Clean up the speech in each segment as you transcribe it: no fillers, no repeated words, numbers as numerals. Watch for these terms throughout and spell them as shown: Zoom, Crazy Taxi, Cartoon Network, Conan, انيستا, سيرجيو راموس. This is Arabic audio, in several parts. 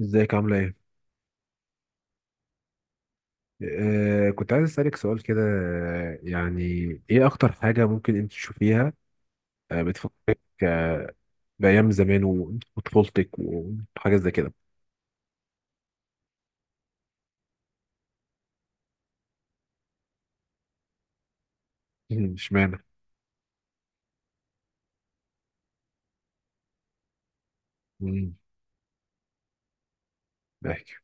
ازيك عاملة ايه؟ كنت عايز اسألك سؤال كده، يعني ايه اكتر حاجة ممكن انت تشوفيها بتفكرك بأيام زمان وطفولتك وحاجات زي كده. مم، اشمعنى؟ مم. بحكي.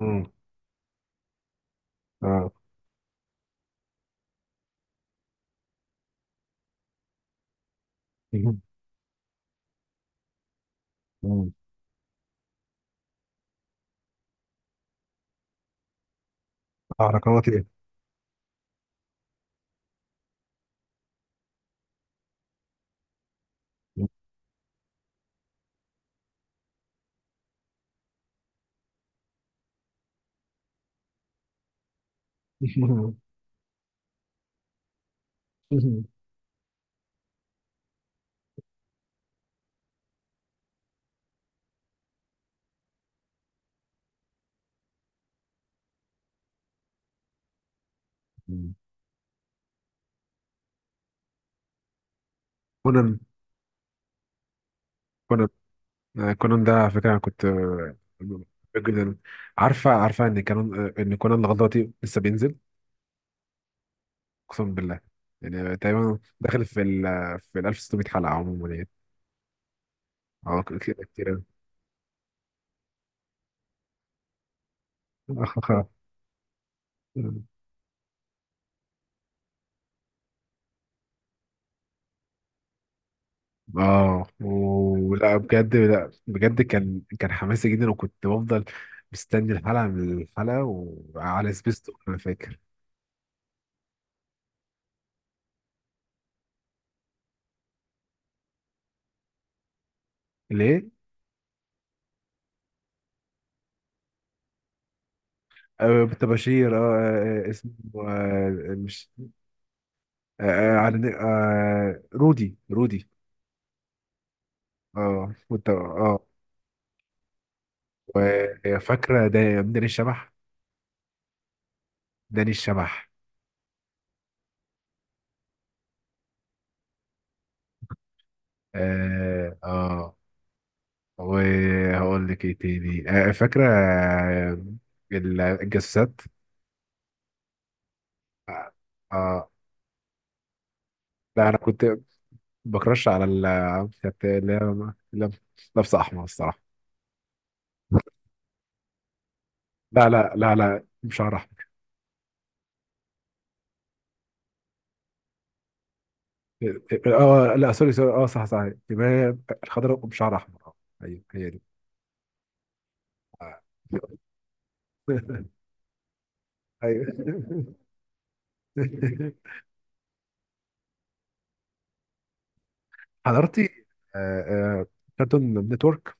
مم. اه. مم. مم. حركات ايه؟ مم. مم. كونان. كونان. كونان ده على فكرة انا كنت بحبه جدا. عارفة ان كانون آه، ان كونان لغاية دلوقتي لسه بينزل. اقسم بالله. يعني تقريبا داخل في ال 1600 حلقه عموما يعني. اه كده كتير أوي. اه ولا بجد. لا بجد كان حماسي جدا وكنت بفضل مستني الحلقه من الحلقه، وعلى سبيستون انا فاكر. ليه؟ آه بتباشير، اه، اسمه. آه مش. رودي رودي. اه كنت اه وفاكره ده داني الشبح. داني الشبح. اه. وهقول لك ايه تاني، فاكرة، الجسات. اه آه. لا انا كنت بكرش على ال، كانت اللي هي لابسة احمر الصراحة. لا لا لا لا بشعر احمر. اه، لا سوري سوري، اه صح صح يبقى هي الخضراء بشعر احمر. اه، ايوه هي دي. آه. ايوه حضرتي، آه، آه، كارتون نتورك.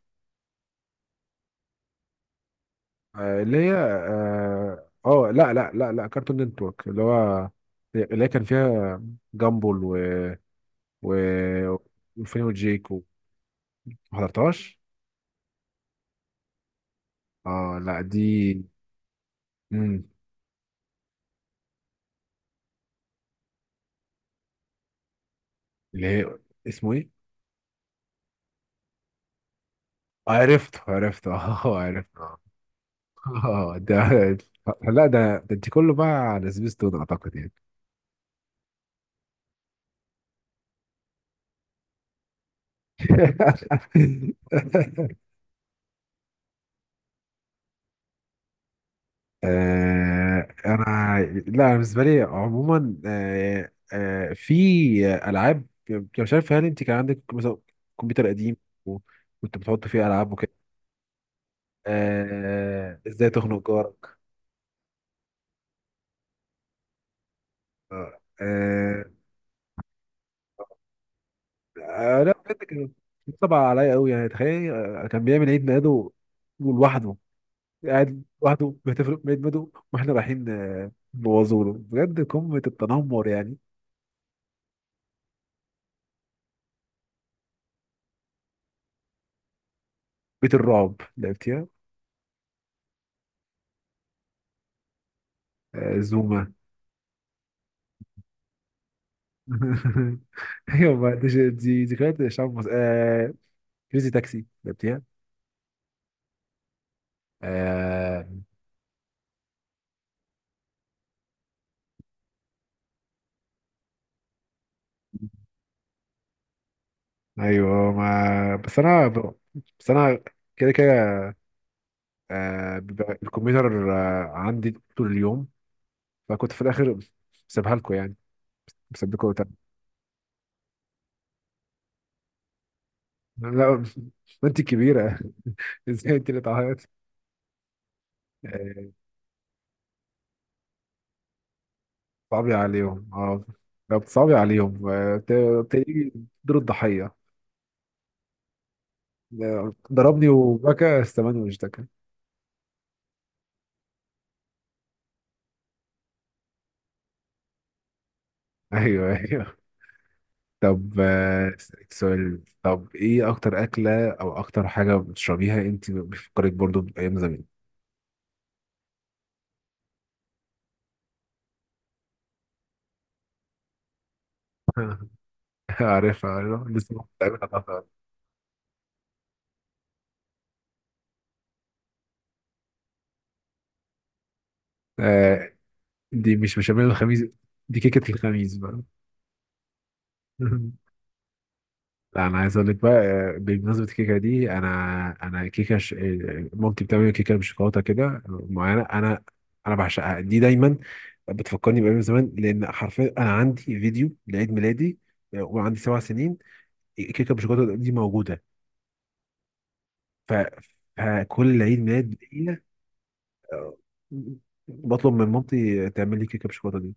اللي هي اه، لا لا لا لا كارتون نتورك اللي هو، اللي هي كان فيها جامبل و، و وفين وجيك ما حضرتهاش. اه لا دي. مم. اللي هي اسمه ايه. عرفت عرفت. اه عرفت اه. ده لا ده انت كله بقى على سبيستون اعتقد يعني. انا، لا أنا بالنسبه لي عموما في العاب. أنا مش عارف هل انت كان عندك مثلا كمبيوتر قديم وكنت بتحط فيه العاب وكده. ازاي تخنق جارك. آه آه لا بجد كان طبع عليا قوي. يعني تخيل، كان بيعمل عيد ميلاده لوحده، قاعد لوحده بيحتفل بعيد ميلاده، واحنا رايحين نبوظوله بجد. قمه التنمر يعني. بيت الرعب لعبتيها، زوما. ايوه ما دي ذكريات شعب مصر. كريزي تاكسي لعبتيها. آه... ايوه ما بس انا كده كده بيبقى الكمبيوتر عندي طول اليوم. فكنت في الاخر سيبها لكم يعني. بسيبكم تاني. لا انت كبيره. ازاي انت اللي تعيطي. آه... صعبي عليهم اه. لو بتصعبي عليهم تلاقيه دور الضحيه. ضربني وبكى استماني واشتكى. ايوه ايوه. طب، أسألك سؤال. طب ايه اكتر اكله او اكتر حاجه بتشربيها انت بتفكرك برضو بايام زمان؟ عارفها عارفها لسه بتعملها طبعا. آه دي مش بشاميل الخميس، دي كيكه الخميس بقى. لا انا عايز اقول لك بقى بمناسبه الكيكه دي انا، انا كيكه ش... آه، مامتي بتعمل كيكه بشوكولاته كده معينه. انا بعشقها دي دايما. بتفكرني بايام زمان لان حرفيا انا عندي فيديو لعيد ميلادي وعندي 7 سنين، كيكه بالشوكولاته دي موجوده. ف... فكل عيد ميلاد ليا آه، بطلب من مامتي تعمل لي كيكه بالشوكولاته دي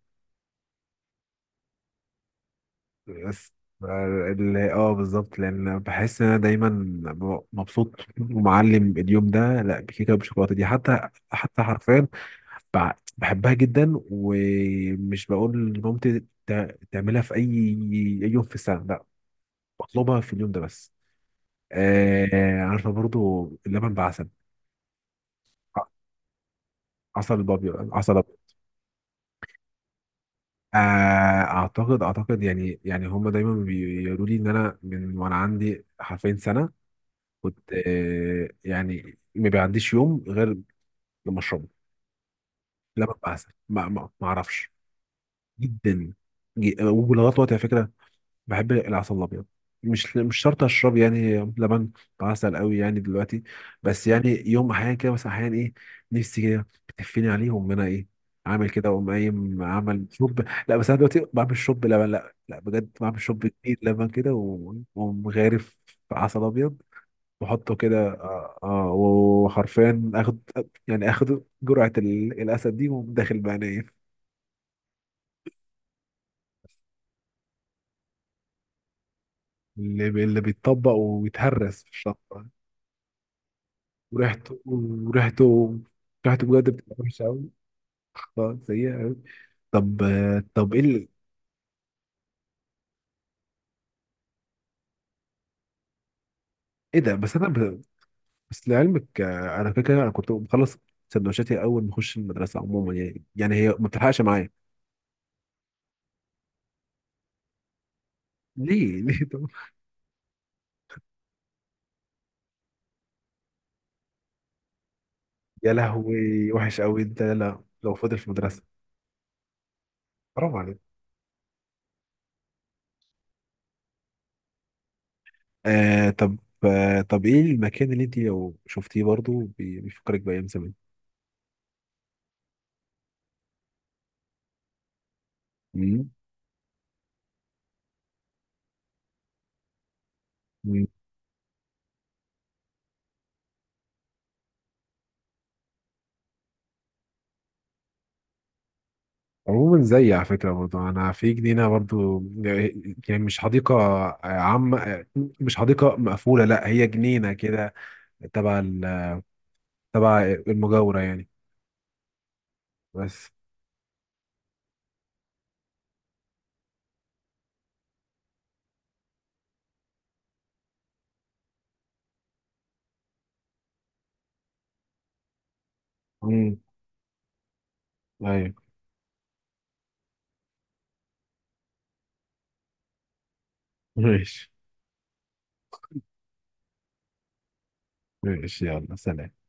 بس. بالظبط لان بحس ان انا دايما مبسوط ومعلم اليوم ده لا بكيكه بالشوكولاته دي. حتى حرفيا بحبها جدا، ومش بقول لمامتي تعملها في أي يوم في السنه، لا. بطلبها في اليوم ده بس. آه عارفه برضو اللبن بعسل. ع- عسل بابي عسل أبيض. آه، اعتقد يعني هم دايما بيقولوا لي ان انا من وانا عندي حرفين سنه، كنت يعني ما بيعديش يوم غير لما اشربه. لما ببقى عسل ما اعرفش. جدا. ولغايه دلوقتي على فكره بحب العسل الابيض. مش شرط اشرب يعني لبن بعسل قوي يعني دلوقتي. بس يعني يوم احيانا كده. بس احيانا ايه، نفسي كده بتفيني عليهم انا، ايه عامل كده، واقوم قايم عامل شرب. لا بس انا دلوقتي بعمل شرب لبن. لا لا بجد بعمل شرب كتير لبن كده، واقوم غارف في عسل ابيض واحطه كده اه، وحرفيا اخد يعني اخد جرعة الاسد دي، واقوم داخل بقى نايم. اللي بيتطبق ويتهرس في الشنطة. وريحته ريحته بجد بتبقى وحشه قوي. اه سيئه قوي. طب، طب ايه ال- ايه ده؟ بس لعلمك، انا فاكر انا كنت بخلص سندوتشاتي اول ما اخش المدرسه عموما. يعني هي ما بتلحقش معايا. ليه؟ ليه طب. يا لهوي وحش قوي انت، لا لو فضل في المدرسه حرام عليك. آه طب طب ايه المكان اللي انت لو شفتيه برضو بيفكرك بايام زمان؟ مم. عموما زي على فكرة برضو أنا في جنينة برضو يعني. مش حديقة عامة، مش حديقة مقفولة، لا هي جنينة كده تبع تبع المجاورة يعني. بس امم، أيوه. ماشي ماشي يلا سلام.